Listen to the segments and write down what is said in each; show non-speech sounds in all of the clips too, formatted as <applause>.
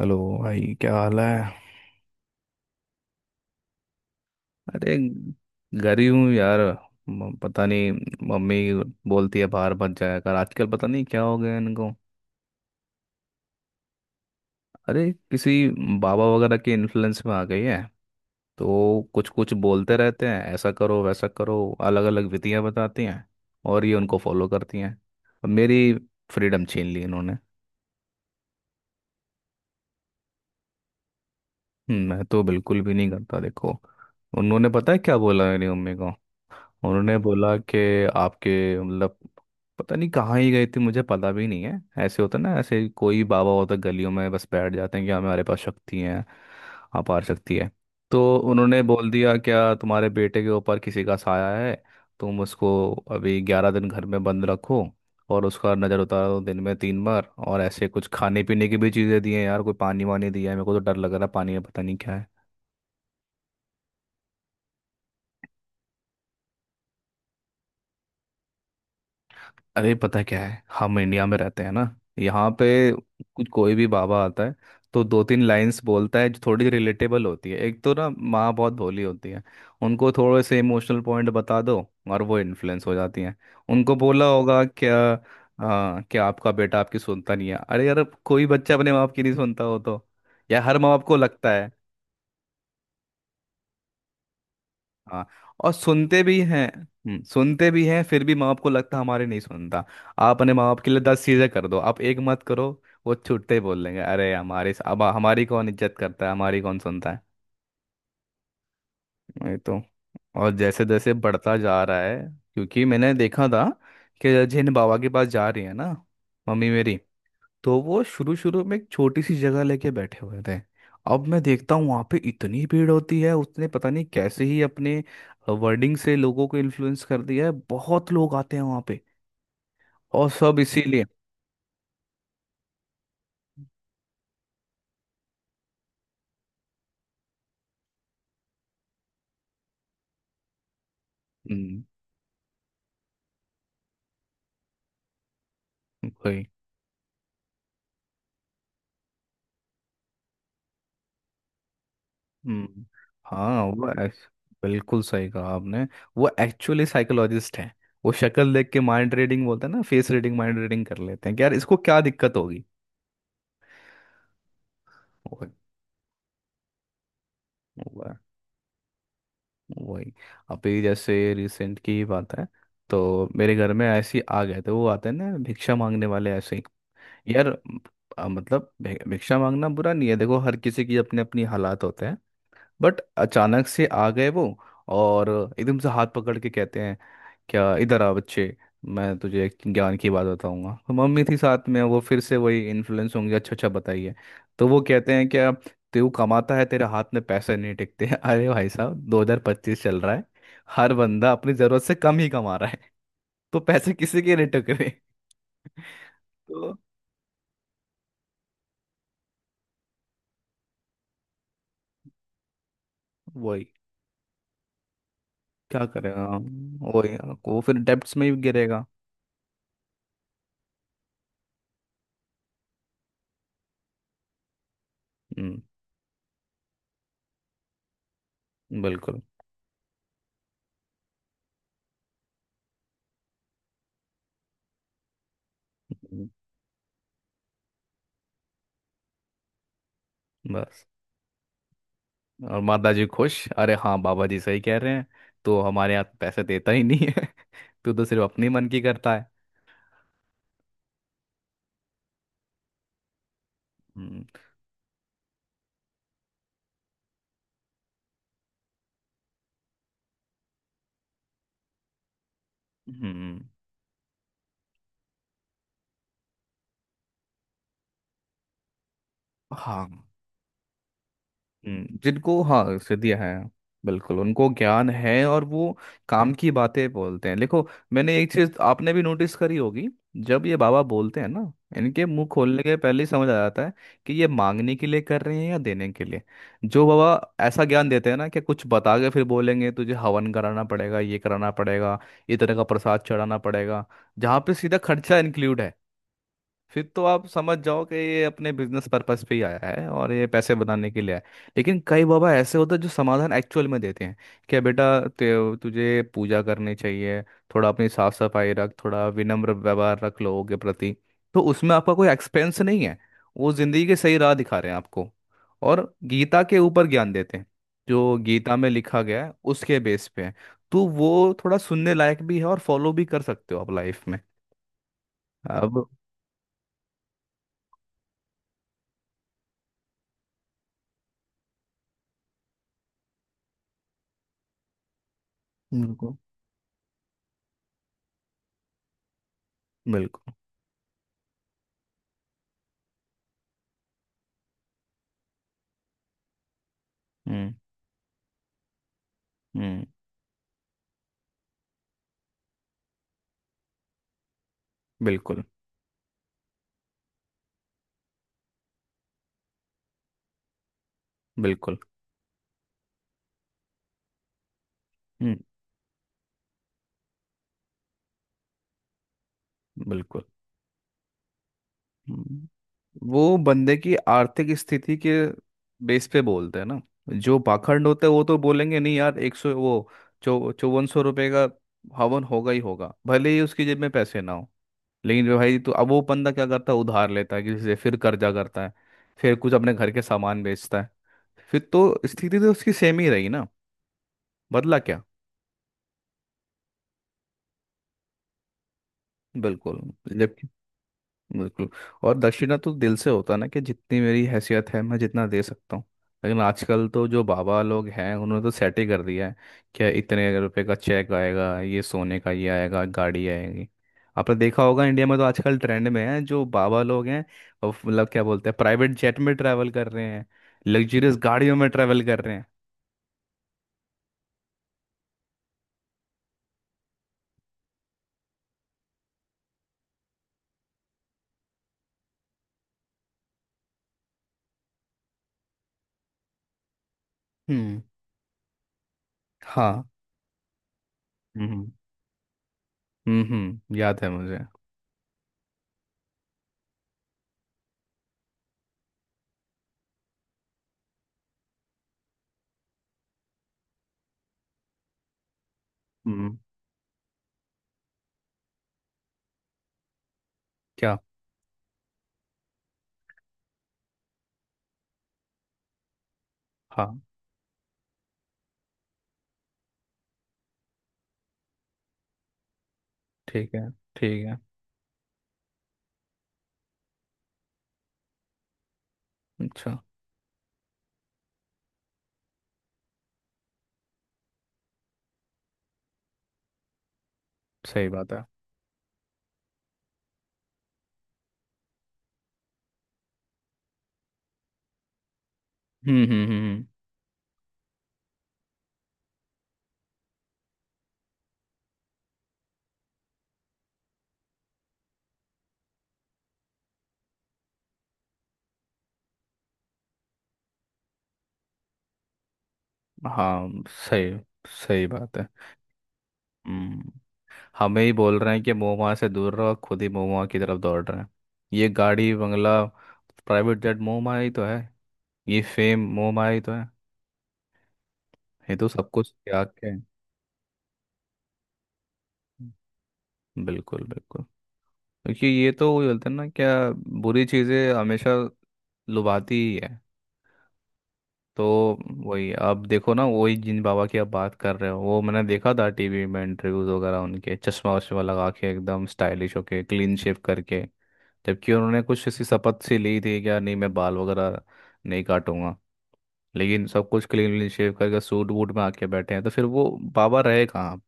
Hello. भाई, क्या हाल है? अरे, घर ही हूँ यार। पता नहीं, मम्मी बोलती है बाहर मत जाया कर आजकल। पता नहीं क्या हो गया इनको। अरे किसी बाबा वगैरह के इन्फ्लुएंस में आ गई है, तो कुछ कुछ बोलते रहते हैं ऐसा करो वैसा करो। अलग अलग विधियां बताती हैं और ये उनको फॉलो करती हैं। अब मेरी फ्रीडम छीन ली इन्होंने। मैं तो बिल्कुल भी नहीं करता देखो। उन्होंने पता है क्या बोला मेरी मम्मी को? उन्होंने बोला कि आपके, मतलब पता नहीं कहाँ ही गए थे मुझे पता भी नहीं है, ऐसे होता ना, ऐसे कोई बाबा होता गलियों में बस बैठ जाते हैं कि हमारे पास शक्ति है, अपार शक्ति है। तो उन्होंने बोल दिया क्या तुम्हारे बेटे के ऊपर किसी का साया है, तुम उसको अभी 11 दिन घर में बंद रखो और उसका नज़र उतारो दिन में 3 बार। और ऐसे कुछ खाने पीने की भी चीज़ें दी हैं यार, कोई पानी वानी दिया है मेरे को, तो डर लग रहा है पानी में पता नहीं क्या। अरे पता क्या है, हम इंडिया में रहते हैं ना, यहाँ पे कुछ कोई भी बाबा आता है तो दो तीन लाइंस बोलता है जो थोड़ी रिलेटेबल होती है। एक तो ना माँ बहुत भोली होती है, उनको थोड़े से इमोशनल पॉइंट बता दो और वो इन्फ्लुएंस हो जाती हैं। उनको बोला होगा क्या, क्या आपका बेटा आपकी सुनता नहीं है? अरे यार, कोई बच्चा अपने माँ बाप की नहीं सुनता हो तो, या हर माँ बाप को लगता है। हाँ, और सुनते भी हैं। सुनते भी हैं फिर भी माँ बाप को लगता है हमारे नहीं सुनता। आप अपने माँ बाप के लिए 10 चीजें कर दो, आप एक मत करो, वो छूटते ही बोल देंगे, अरे हमारे, अब हमारी कौन इज्जत करता है, हमारी कौन सुनता है। वही तो। और जैसे जैसे बढ़ता जा रहा है, क्योंकि मैंने देखा था कि जिन बाबा के पास जा रही है ना मम्मी मेरी, तो वो शुरू शुरू में एक छोटी सी जगह लेके बैठे हुए थे। अब मैं देखता हूँ वहाँ पे इतनी भीड़ होती है। उसने पता नहीं कैसे ही अपने वर्डिंग से लोगों को इन्फ्लुएंस कर दिया है, बहुत लोग आते हैं वहाँ पे, और सब इसीलिए। हम्म। वही। हम्म। हाँ। बिल्कुल सही कहा आपने। वो एक्चुअली साइकोलॉजिस्ट हैं। वो शक्ल देख के माइंड रीडिंग बोलते हैं ना, फेस रीडिंग माइंड रीडिंग कर लेते हैं कि यार इसको क्या दिक्कत होगी। वो- वही। अभी जैसे रिसेंट की ही बात है, तो मेरे घर में ऐसे ही आ गए थे, वो आते हैं ना भिक्षा मांगने वाले ऐसे ही। यार म- मतलब भिक्षा मांगना बुरा नहीं है देखो, हर किसी की अपनी अपनी हालात होते हैं। बट अचानक से आ गए वो, और एकदम से हाथ पकड़ के कहते हैं, क्या इधर आ बच्चे, मैं तुझे एक ज्ञान की बात बताऊंगा। तो मम्मी थी साथ में, वो फिर से वही इन्फ्लुएंस होंगे, अच्छा अच्छा बताइए। तो वो कहते हैं क्या, तू कमाता है तेरे हाथ में पैसे नहीं टिकते। <laughs> अरे भाई साहब 2025 चल रहा है, हर बंदा अपनी जरूरत से कम ही कमा रहा है। <laughs> तो पैसे किसी के नहीं टकरे। <laughs> तो वही, क्या करेगा, वही, वो फिर डेब्ट्स में ही गिरेगा। हम्म। बिल्कुल। हम्म। बस। और माता जी खुश, अरे हाँ बाबा जी सही कह रहे हैं, तो हमारे यहाँ पैसे देता ही नहीं है, तू तो सिर्फ अपने मन की करता है। हम्म। हम्म, हाँ। जिनको हाँ सिद्धियाँ हैं। बिल्कुल, उनको ज्ञान है और वो काम की बातें बोलते हैं। देखो, मैंने एक चीज आपने भी नोटिस करी होगी, जब ये बाबा बोलते हैं ना, इनके मुंह खोलने के पहले ही समझ आ जाता है कि ये मांगने के लिए कर रहे हैं या देने के लिए। जो बाबा ऐसा ज्ञान देते हैं ना कि कुछ बता के फिर बोलेंगे तुझे हवन कराना पड़ेगा, ये कराना पड़ेगा, ये तरह का प्रसाद चढ़ाना पड़ेगा, जहाँ पे सीधा खर्चा इंक्लूड है, फिर तो आप समझ जाओ कि ये अपने बिजनेस पर्पस पे ही आया है और ये पैसे बनाने के लिए आया है। लेकिन कई बाबा ऐसे होते हैं जो समाधान एक्चुअल में देते हैं, क्या बेटा तुझे पूजा करनी चाहिए, थोड़ा अपनी साफ सफाई रख, थोड़ा विनम्र व्यवहार रख लोगों के प्रति। तो उसमें आपका कोई एक्सपेंस नहीं है, वो जिंदगी के सही राह दिखा रहे हैं आपको, और गीता के ऊपर ज्ञान देते हैं, जो गीता में लिखा गया है उसके बेस पे है। तो वो थोड़ा सुनने लायक भी है और फॉलो भी कर सकते हो आप लाइफ में। अब बिल्कुल बिल्कुल। हम्म। हम्म। बिल्कुल बिल्कुल। हम्म। बिल्कुल। हम्म। वो बंदे की आर्थिक स्थिति के बेस पे बोलते हैं ना। जो पाखंड होते हैं वो तो बोलेंगे नहीं यार, एक सौ वो चौ 5400 रुपये का हवन होगा ही होगा, भले ही उसकी जेब में पैसे ना हो। लेकिन जो भाई, तो अब वो बंदा क्या करता है, उधार लेता है किसी से, फिर कर्जा करता है, फिर कुछ अपने घर के सामान बेचता है, फिर तो स्थिति तो उसकी सेम ही रही ना, बदला क्या? बिल्कुल। जब, बिल्कुल। और दक्षिणा तो दिल से होता है ना, कि जितनी मेरी हैसियत है मैं जितना दे सकता हूँ। लेकिन आजकल तो जो बाबा लोग हैं उन्होंने तो सेट ही कर दिया है, क्या इतने रुपए का चेक आएगा, ये सोने का ये आएगा, गाड़ी आएगी। आपने देखा होगा इंडिया में तो आजकल ट्रेंड में है जो बाबा लोग हैं, वो मतलब क्या बोलते हैं, प्राइवेट जेट में ट्रैवल कर रहे हैं, लग्जरियस गाड़ियों में ट्रैवल कर रहे हैं। हम्म। हाँ। हम्म। हम्म। याद है मुझे। हम्म। क्या? हाँ। ठीक है। ठीक है। अच्छा। सही बात है। हम्म। हम्म। हम्म। हम्म। हाँ। सही। सही बात है। हम्म। हमें ही बोल रहे हैं कि महुआ से दूर रहो, खुद ही महुआ की तरफ दौड़ रहे हैं। ये गाड़ी, बंगला, प्राइवेट जेट महुआ ही तो है, ये फेम महुआ ही तो है, ये तो सब कुछ त्याग के है। बिल्कुल बिल्कुल। क्योंकि ये तो वो बोलते हैं ना क्या, बुरी चीज़ें हमेशा लुभाती ही है। तो वही, अब देखो ना, वही जिन बाबा की आप बात कर रहे हो, वो मैंने देखा था टीवी में इंटरव्यूज वगैरह, उनके चश्मा वश्मा लगा के एकदम स्टाइलिश होके क्लीन शेव करके, जबकि उन्होंने कुछ ऐसी शपथ सी ली थी क्या, नहीं मैं बाल वगैरह नहीं काटूंगा, लेकिन सब कुछ क्लीन शेव करके सूट वूट में आके बैठे हैं, तो फिर वो बाबा रहे कहाँ?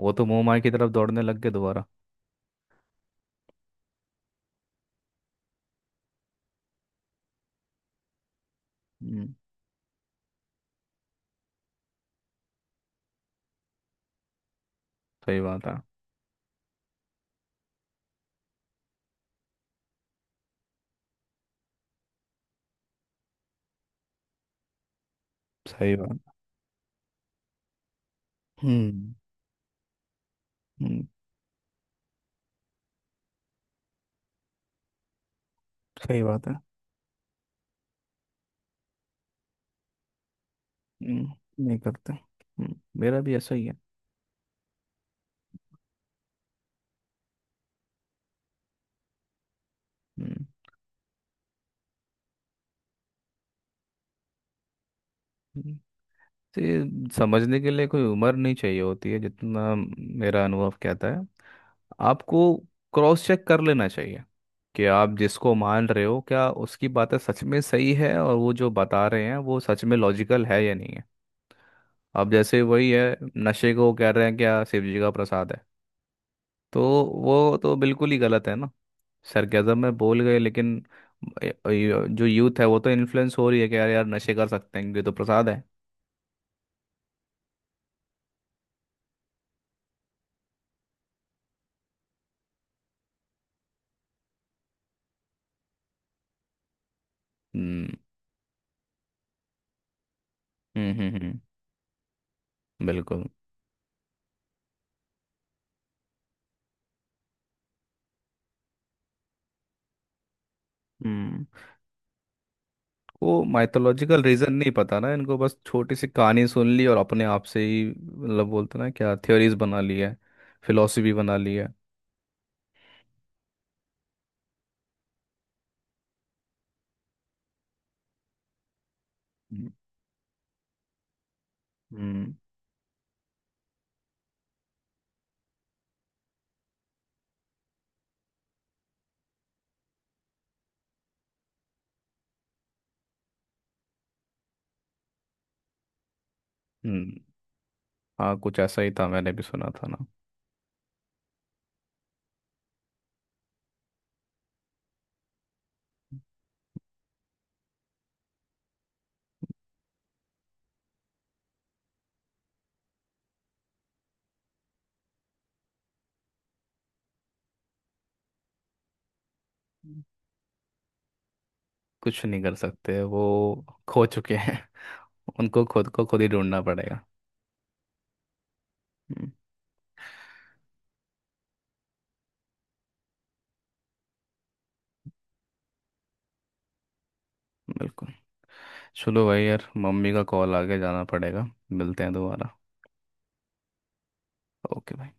वो तो मुंह माय की तरफ दौड़ने लग गए दोबारा। हम्म, सही बात है। सही बात। हम्म। हम्म, सही बात है। हम्म, नहीं करते। मेरा भी ऐसा ही है। हम्म। हम्म। तो ये, समझने के लिए कोई उम्र नहीं चाहिए होती है, जितना मेरा अनुभव कहता है, आपको क्रॉस चेक कर लेना चाहिए कि आप जिसको मान रहे हो क्या उसकी बातें सच में सही है, और वो जो बता रहे हैं वो सच में लॉजिकल है या नहीं है। अब जैसे वही है, नशे को कह रहे हैं क्या, शिव जी का प्रसाद है, तो वो तो बिल्कुल ही गलत है ना। सरगजम में बोल गए, लेकिन जो यूथ है वो तो इन्फ्लुएंस हो रही है कि यार यार नशे कर सकते हैं ये तो प्रसाद है। हम्म। हम्म। हम्म। बिल्कुल। हम्म। वो माइथोलॉजिकल रीजन नहीं पता ना इनको, बस छोटी सी कहानी सुन ली और अपने आप से ही, मतलब बोलते ना क्या, थ्योरीज बना ली है, फिलोसफी बना ली है। हम्म। हम्म। हम्म, हाँ कुछ ऐसा ही था, मैंने भी सुना था ना। हम्म। कुछ नहीं कर सकते, वो खो चुके हैं, उनको खुद को खुद ही ढूंढना पड़ेगा। हम्म, बिल्कुल। चलो भाई यार, मम्मी का कॉल आ गया, जाना पड़ेगा। मिलते हैं दोबारा। ओके भाई।